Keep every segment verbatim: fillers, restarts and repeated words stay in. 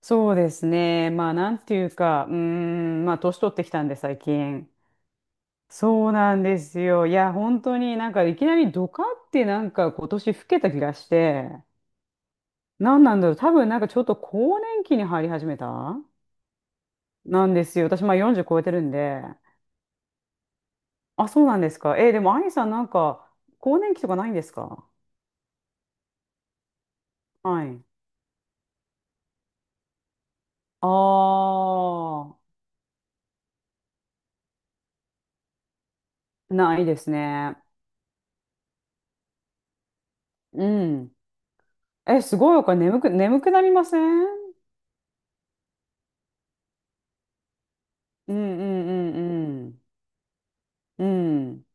そうですね。まあ、なんていうか、うーん、まあ、年取ってきたんで、最近。そうなんですよ。いや、本当になんか、いきなりドカってなんか、今年老けた気がして、なんなんだろう。多分なんか、ちょっと更年期に入り始めたなんですよ。私、まあ、よんじゅう超えてるんで。あ、そうなんですか。えーでも、アイさんなんか、更年期とかないんですか？はい。あー、ないですね。うん。え、すごい、これ眠く、眠くなりません？うんうんうんうん。うん。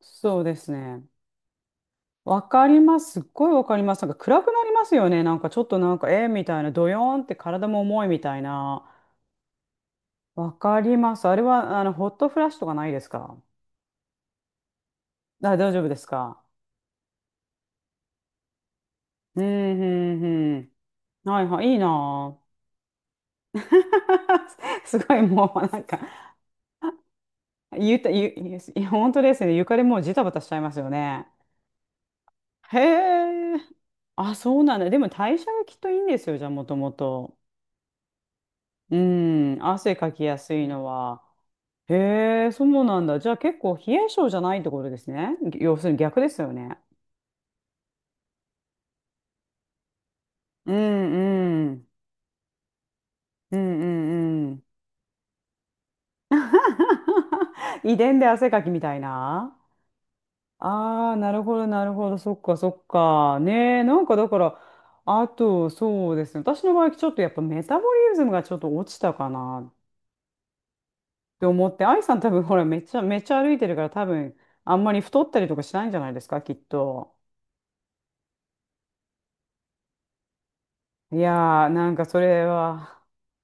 そうですね。わかります。すっごいわかります。なんか暗くなりますよね。なんかちょっとなんか、えーみたいな、ドヨーンって体も重いみたいな。わかります。あれは、あの、ホットフラッシュとかないですか？あ、大丈夫ですか？うん、うん、うん。はいはい、いいなぁ。すごいもうなんか、ゆた、ゆゆ本当ですね。床でもうジタバタしちゃいますよね。へえ。あ、そうなんだ。でも代謝がきっといいんですよ、じゃあ、もともと。うん、汗かきやすいのは。へえ、そうなんだ。じゃあ結構冷え性じゃないってことですね。要するに逆ですよね。うんうん。うんうんうん。遺伝で汗かきみたいな。ああ、なるほど、なるほど。そっか、そっか。ねえ、なんかだから、あと、そうですね。私の場合、ちょっとやっぱメタボリズムがちょっと落ちたかなって思って、愛さん多分、ほら、めっちゃ、めっちゃ歩いてるから、多分、あんまり太ったりとかしないんじゃないですか、きっと。いやー、なんかそれは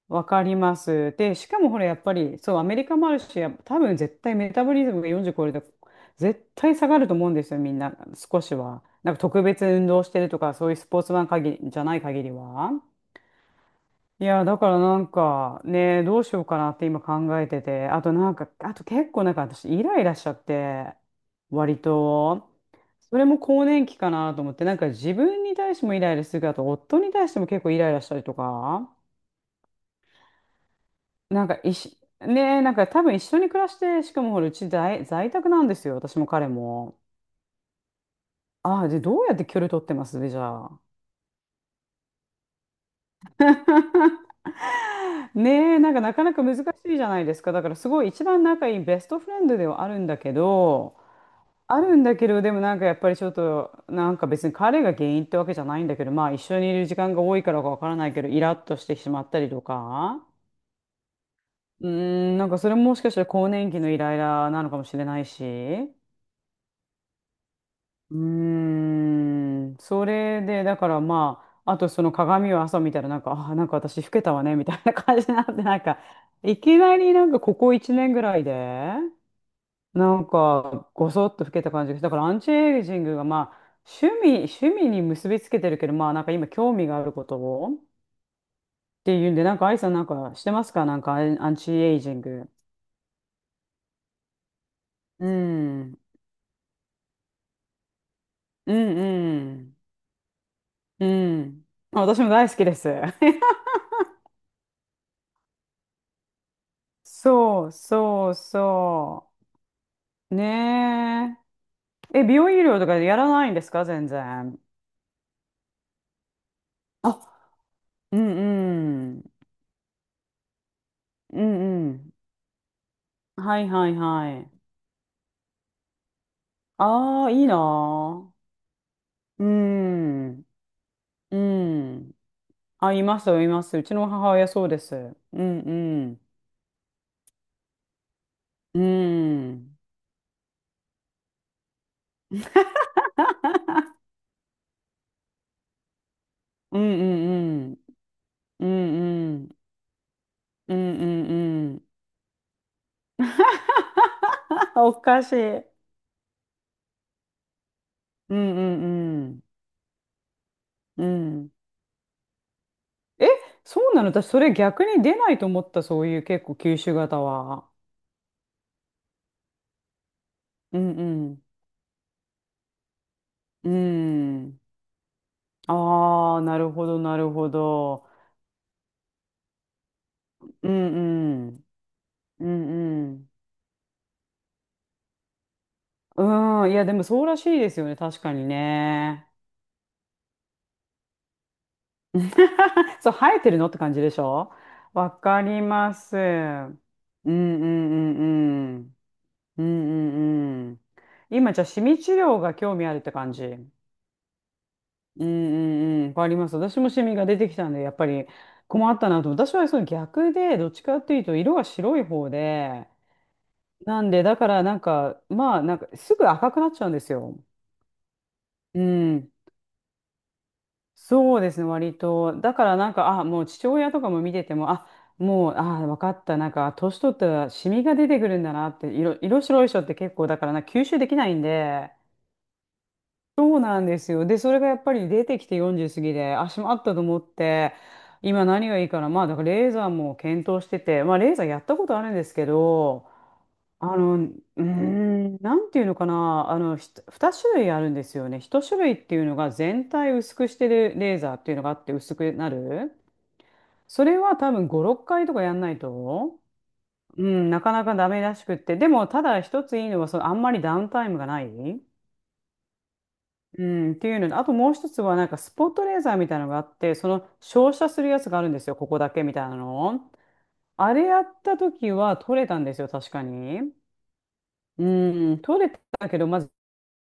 わかります。で、しかもほら、やっぱり、そう、アメリカもあるし、やっぱ多分絶対メタボリズムがよんじゅう超えると、絶対下がると思うんですよ、みんな、少しは。なんか特別運動してるとか、そういうスポーツマン限りじゃない限りは。いやー、だからなんかね、どうしようかなって今考えてて、あとなんか、あと結構なんか私、イライラしちゃって、割と。それも更年期かなと思って、なんか自分に対してもイライラするけど、あと夫に対しても結構イライラしたりとか。なんか一緒、ねえ、なんか多分一緒に暮らして、しかもほら、うち在、在宅なんですよ、私も彼も。ああ、で、どうやって距離取ってますね、じゃあ。ねえ、なんかなかなか難しいじゃないですか。だからすごい一番仲いいベストフレンドではあるんだけど、あるんだけど、でもなんかやっぱりちょっと、なんか別に彼が原因ってわけじゃないんだけど、まあ一緒にいる時間が多いからかわからないけど、イラッとしてしまったりとか、うーん、なんかそれももしかしたら更年期のイライラなのかもしれないし。うーん、それで、だからまあ、あとその鏡を朝見たらなんか、あー、なんか私老けたわね、みたいな感じになって、なんか、いきなりなんかここいちねんぐらいで、なんか、ごそっと老けた感じがして、だからアンチエイジングがまあ、趣味、趣味に結びつけてるけど、まあなんか今興味があることをっていうんで、なんかアイさんなんかしてますか？なんかアンアンチエイジング。うん、うん、うん、うん。あ、私も大好きです。そうそうそう。ねえ。え、美容医療とかやらないんですか全然？あ、うんうん。うんうん。はいはいはい。ああ、いいなー。うん。うん。あ、いますよ、います。うちの母親そうです。うんうん。うん。うんうんうん。うんうん。うんうんうん。おかしい。うんうんうん。うん。え、そうなの私、それ逆に出ないと思った、そういう結構吸収型は。うんうん。うん。ああ、なるほど、なるほど。うんうん。うんうん。うん、いや、でもそうらしいですよね、確かにね。そう、生えてるのって感じでしょ？わかります。うんうんうんうん。うんうんうん。今、じゃあ、シミ治療が興味あるって感じ。うんうんうん、わかります。私もシミが出てきたんで、やっぱり困ったなと。私はその逆で、どっちかっていうと、色が白い方で、なんで、だからなんか、まあ、なんか、すぐ赤くなっちゃうんですよ。うん。そうですね、割と。だからなんか、あ、もう父親とかも見てても、あ、もう、あ、分かった。なんか、年取ったらシミが出てくるんだなって、色、色白い人って結構、だからな、吸収できないんで、そうなんですよ。で、それがやっぱり出てきてよんじゅう過ぎで、足もあったと思って、今何がいいかな。まあ、だからレーザーも検討してて、まあ、レーザーやったことあるんですけど、あの、うーん、なんていうのかな、あの、ひとにしゅるい種類あるんですよね。いっしゅるい種類っていうのが全体薄くしてるレーザーっていうのがあって薄くなる。それは多分ご、ろっかいとかやんないと、うん、なかなかダメらしくって。でも、ただ一ついいのは、その、あんまりダウンタイムがない。うん、っていうので、あともう一つはなんかスポットレーザーみたいなのがあって、その照射するやつがあるんですよ、ここだけみたいなの。あれやった時は取れたんですよ、確かに。うん、取れたけど、まず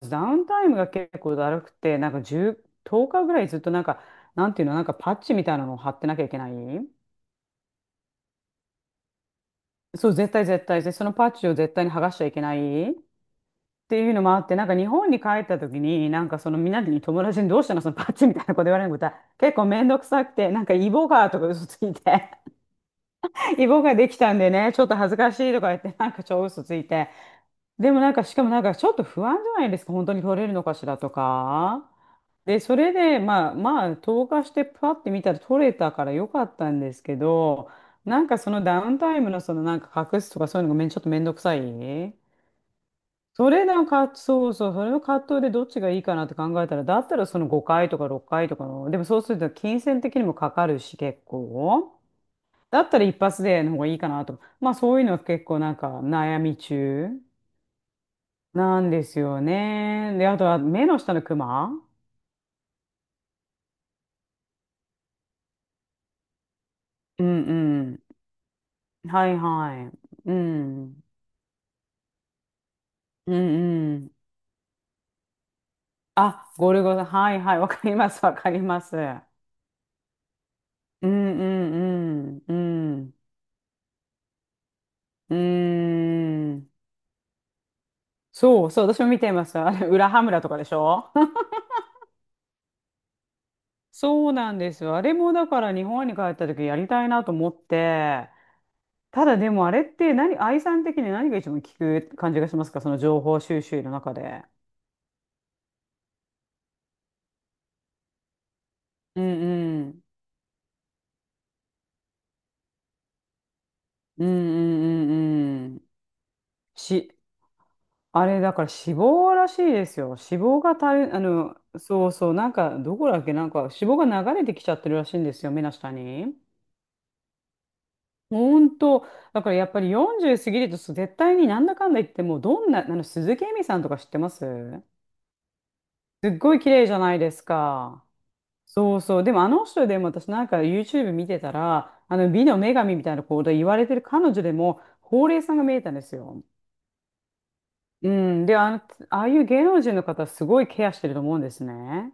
ダウンタイムが結構だるくて、なんかじゅう、とおかぐらいずっとなんか、なんていうの、なんかパッチみたいなのを貼ってなきゃいけない。そう、絶対絶対。で、そのパッチを絶対に剥がしちゃいけない。っていうのもあって、なんか日本に帰った時に、なんかそのみんなに友達にどうしたのそのパッチみたいなこと言われることは結構めんどくさくて、なんかイボがとか嘘ついて、イボができたんでね、ちょっと恥ずかしいとか言って、なんか超嘘ついて。でもなんかしかもなんかちょっと不安じゃないですか、本当に取れるのかしらとか。で、それで、まあまあ、投下してパッて見たら取れたからよかったんですけど、なんかそのダウンタイムのそのなんか隠すとかそういうのがめんちょっとめんどくさい。それなんか、そうそう、それの葛藤でどっちがいいかなって考えたら、だったらそのごかいとかろっかいとかの、でもそうすると金銭的にもかかるし、結構。だったら一発での方がいいかなと。まあそういうのは結構なんか悩み中なんですよね。で、あとは目の下のクマ。うんうん。はいはい。うん。うんうん。あ、ゴルゴさん。はいはい。わかります。わかります。うんうんうん。うん。うーん。そうそう、私も見てました。あれ、裏羽村とかでしょ？ そうなんですよ。あれもだから日本に帰った時やりたいなと思って、ただでもあれって何、愛さん的に何が一番効く感じがしますか、その情報収集の中で。うんうん。うんうんうんうん。し、あれだから脂肪らしいですよ。脂肪がたる、あの、そうそう、なんかどこだっけ、なんか脂肪が流れてきちゃってるらしいんですよ、目の下に。本当、だからやっぱりよんじゅう過ぎるとそう絶対になんだかんだ言って、もうどんな、あの鈴木恵美さんとか知ってます？すっごい綺麗じゃないですか。そうそう。でもあの人でも、私なんか YouTube 見てたら、あの美の女神みたいなこと言われてる彼女でも、ほうれい線が見えたんですよ。うん。で、あの、ああいう芸能人の方はすごいケアしてると思うんですね。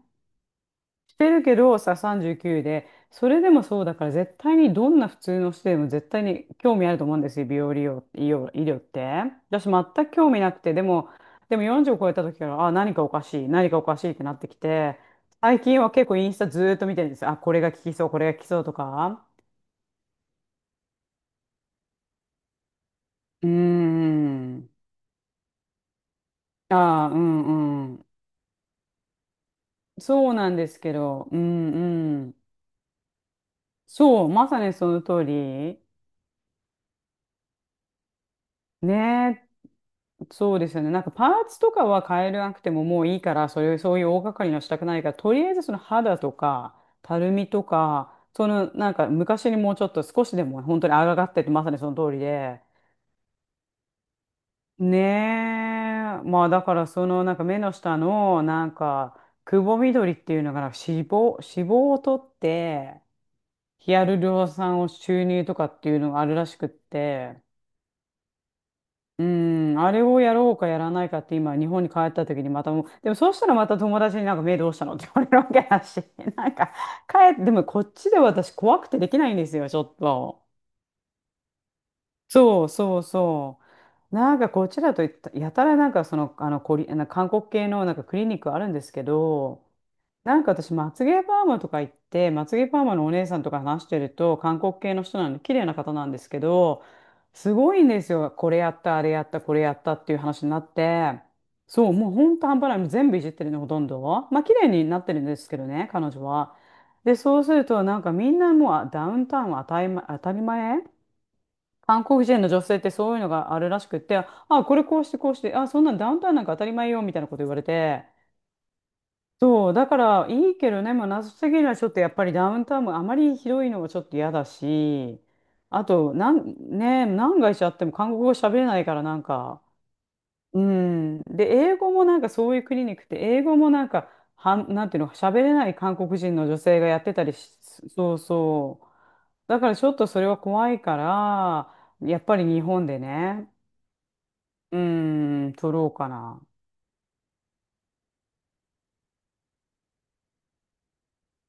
してるけどさ、さんじゅうきゅうで、それでもそうだから、絶対にどんな普通の人でも絶対に興味あると思うんですよ、美容利用、医療、医療って。私全く興味なくて、でも、でもよんじゅうを超えた時から、あ、何かおかしい、何かおかしいってなってきて、最近は結構インスタずーっと見てるんです。あ、これが効きそう、これが効きそうとか。うーん。ああ、うんうん。そうなんですけど、うん。うん。そう、まさにその通り。ねえ。そうですよね。なんかパーツとかは変えなくてももういいから、それ、そういう大掛かりのしたくないから、とりあえずその肌とか、たるみとか、そのなんか昔にもうちょっと少しでも本当にあがってって、まさにその通りで。ねえ。まあだから、そのなんか目の下のなんか、くぼみ取りっていうのが、なんか脂肪、脂肪を取って、ヒアルロン酸を注入とかっていうのがあるらしくって、うん、あれをやろうかやらないかって今、日本に帰った時にまたもう、でもそうしたらまた友達になんか目どうしたのって言われるわけだし、なんか帰って、でもこっちで私怖くてできないんですよ、ちょっと。そうそうそう。なんかこっちだとやたらなんかその、あの、コリ、あの韓国系のなんかクリニックあるんですけど、なんか私、まつげパーマとか行って、まつげパーマのお姉さんとか話してると、韓国系の人なんで、綺麗な方なんですけど、すごいんですよ。これやった、あれやった、これやったっていう話になって、そう、もうほんと半端ない。もう全部いじってるの、ほとんど。まあ、綺麗になってるんですけどね、彼女は。で、そうすると、なんかみんな、もうあ、ダウンタウンは当たり前、当たり前。韓国人の女性ってそういうのがあるらしくって、あ、これこうしてこうして、あ、そんなんダウンタウンなんか当たり前よ、みたいなこと言われて、そう、だからいいけどね、もう謎すぎるのはちょっと、やっぱりダウンタウンもあまりひどいのはちょっと嫌だし、あと、なん、ね、何回しちゃっても韓国語喋れないからなんか、うん。で、英語もなんかそういうクリニックって、英語もなんか、はん、なんていうの、喋れない韓国人の女性がやってたりし、そうそう。だからちょっとそれは怖いから、やっぱり日本でね、うん、取ろうかな。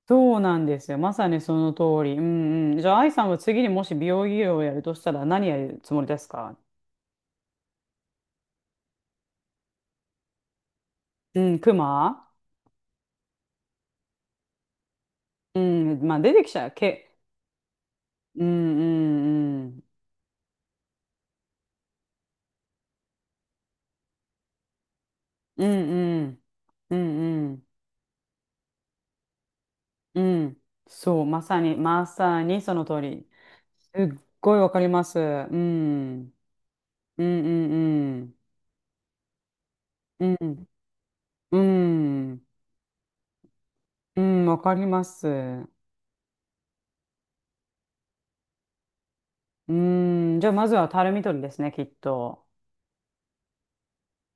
そうなんですよ。まさにその通り。うんうん。じゃあ、愛さんは次にもし美容医療をやるとしたら何やるつもりですか？うん、クマ。うん、まあ出てきちゃう。け、うんうんうん。うんうん。うんうんうん。そう、まさに、まさにその通り。すっごいわかります。うん。うんうんうん。うん。うん。うん、わかります。うん。じゃあ、まずはたるみ取りですね、きっと。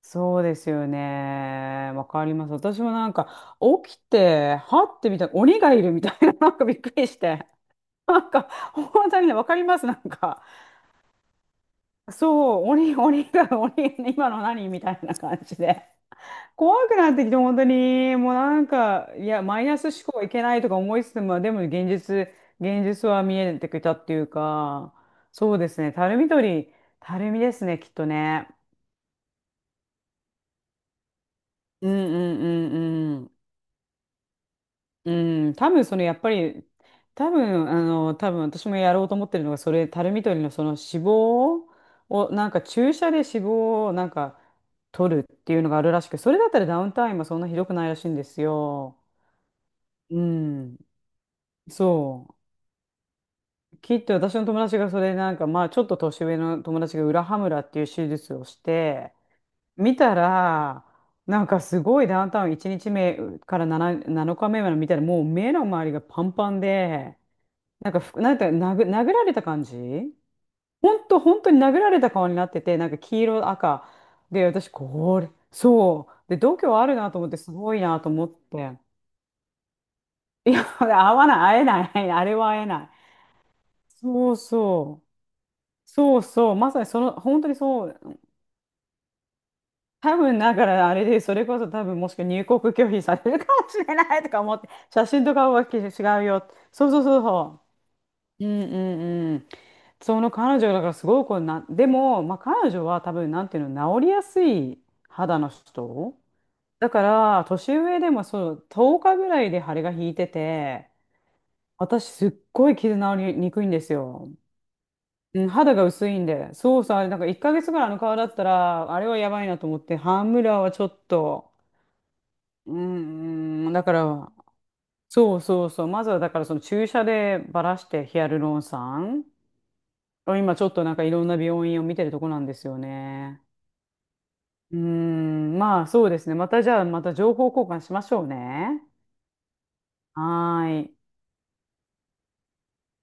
そうですよね。わかります。私もなんか、起きて、はってみたいな、鬼がいるみたいな、なんかびっくりして。なんか、本当にね、わかります、なんか。そう、鬼、鬼が、鬼、今の何みたいな感じで。怖くなってきて、本当に、もうなんか、いや、マイナス思考はいけないとか思いつつも、でも現実、現実は見えてきたっていうか、そうですね、たるみ取り、たるみですね、きっとね。うんうんうんうん。うん、多分そのやっぱり、多分あの、多分私もやろうと思ってるのが、それ、タルミ取りのその脂肪を、なんか注射で脂肪をなんか取るっていうのがあるらしく、それだったらダウンタイムはそんなひどくないらしいんですよ。うん、そう。きっと私の友達がそれなんか、まあちょっと年上の友達が裏ハムラっていう手術をして、見たら、なんかすごいダウンタウンいちにちめから 7, なのかめまで見たらもう目の周りがパンパンで、なんかふく、なんていうか、殴、殴られた感じ、ほんと、本当に殴られた顔になってて、なんか黄色、赤。で、私、これ、そう。で、度胸あるなと思って、すごいなと思って。いや、会わない、会えない、あれは会えない。そうそう。そうそう。まさにその、本当にそう。多分、だからあれで、それこそ多分、もしくは入国拒否されるかもしれないとか思って、写真とかは違うよ。そうそうそうそう。うんうんうん。その彼女だからすごいこうな、でも、まあ、彼女は多分なんていうの、治りやすい肌の人だから、年上でもそう、とおかぐらいで腫れが引いてて、私すっごい傷治りにくいんですよ。うん、肌が薄いんで。そうそう、あれなんかいっかげつぐらいあの顔だったら、あれはやばいなと思って、ハンムラーはちょっと、うんうん、だから、そうそうそう、まずはだからその注射でばらしてヒアルロン酸。今ちょっとなんかいろんな病院を見てるとこなんですよね。うーん、まあそうですね。またじゃあ、また情報交換しましょうね。はーい。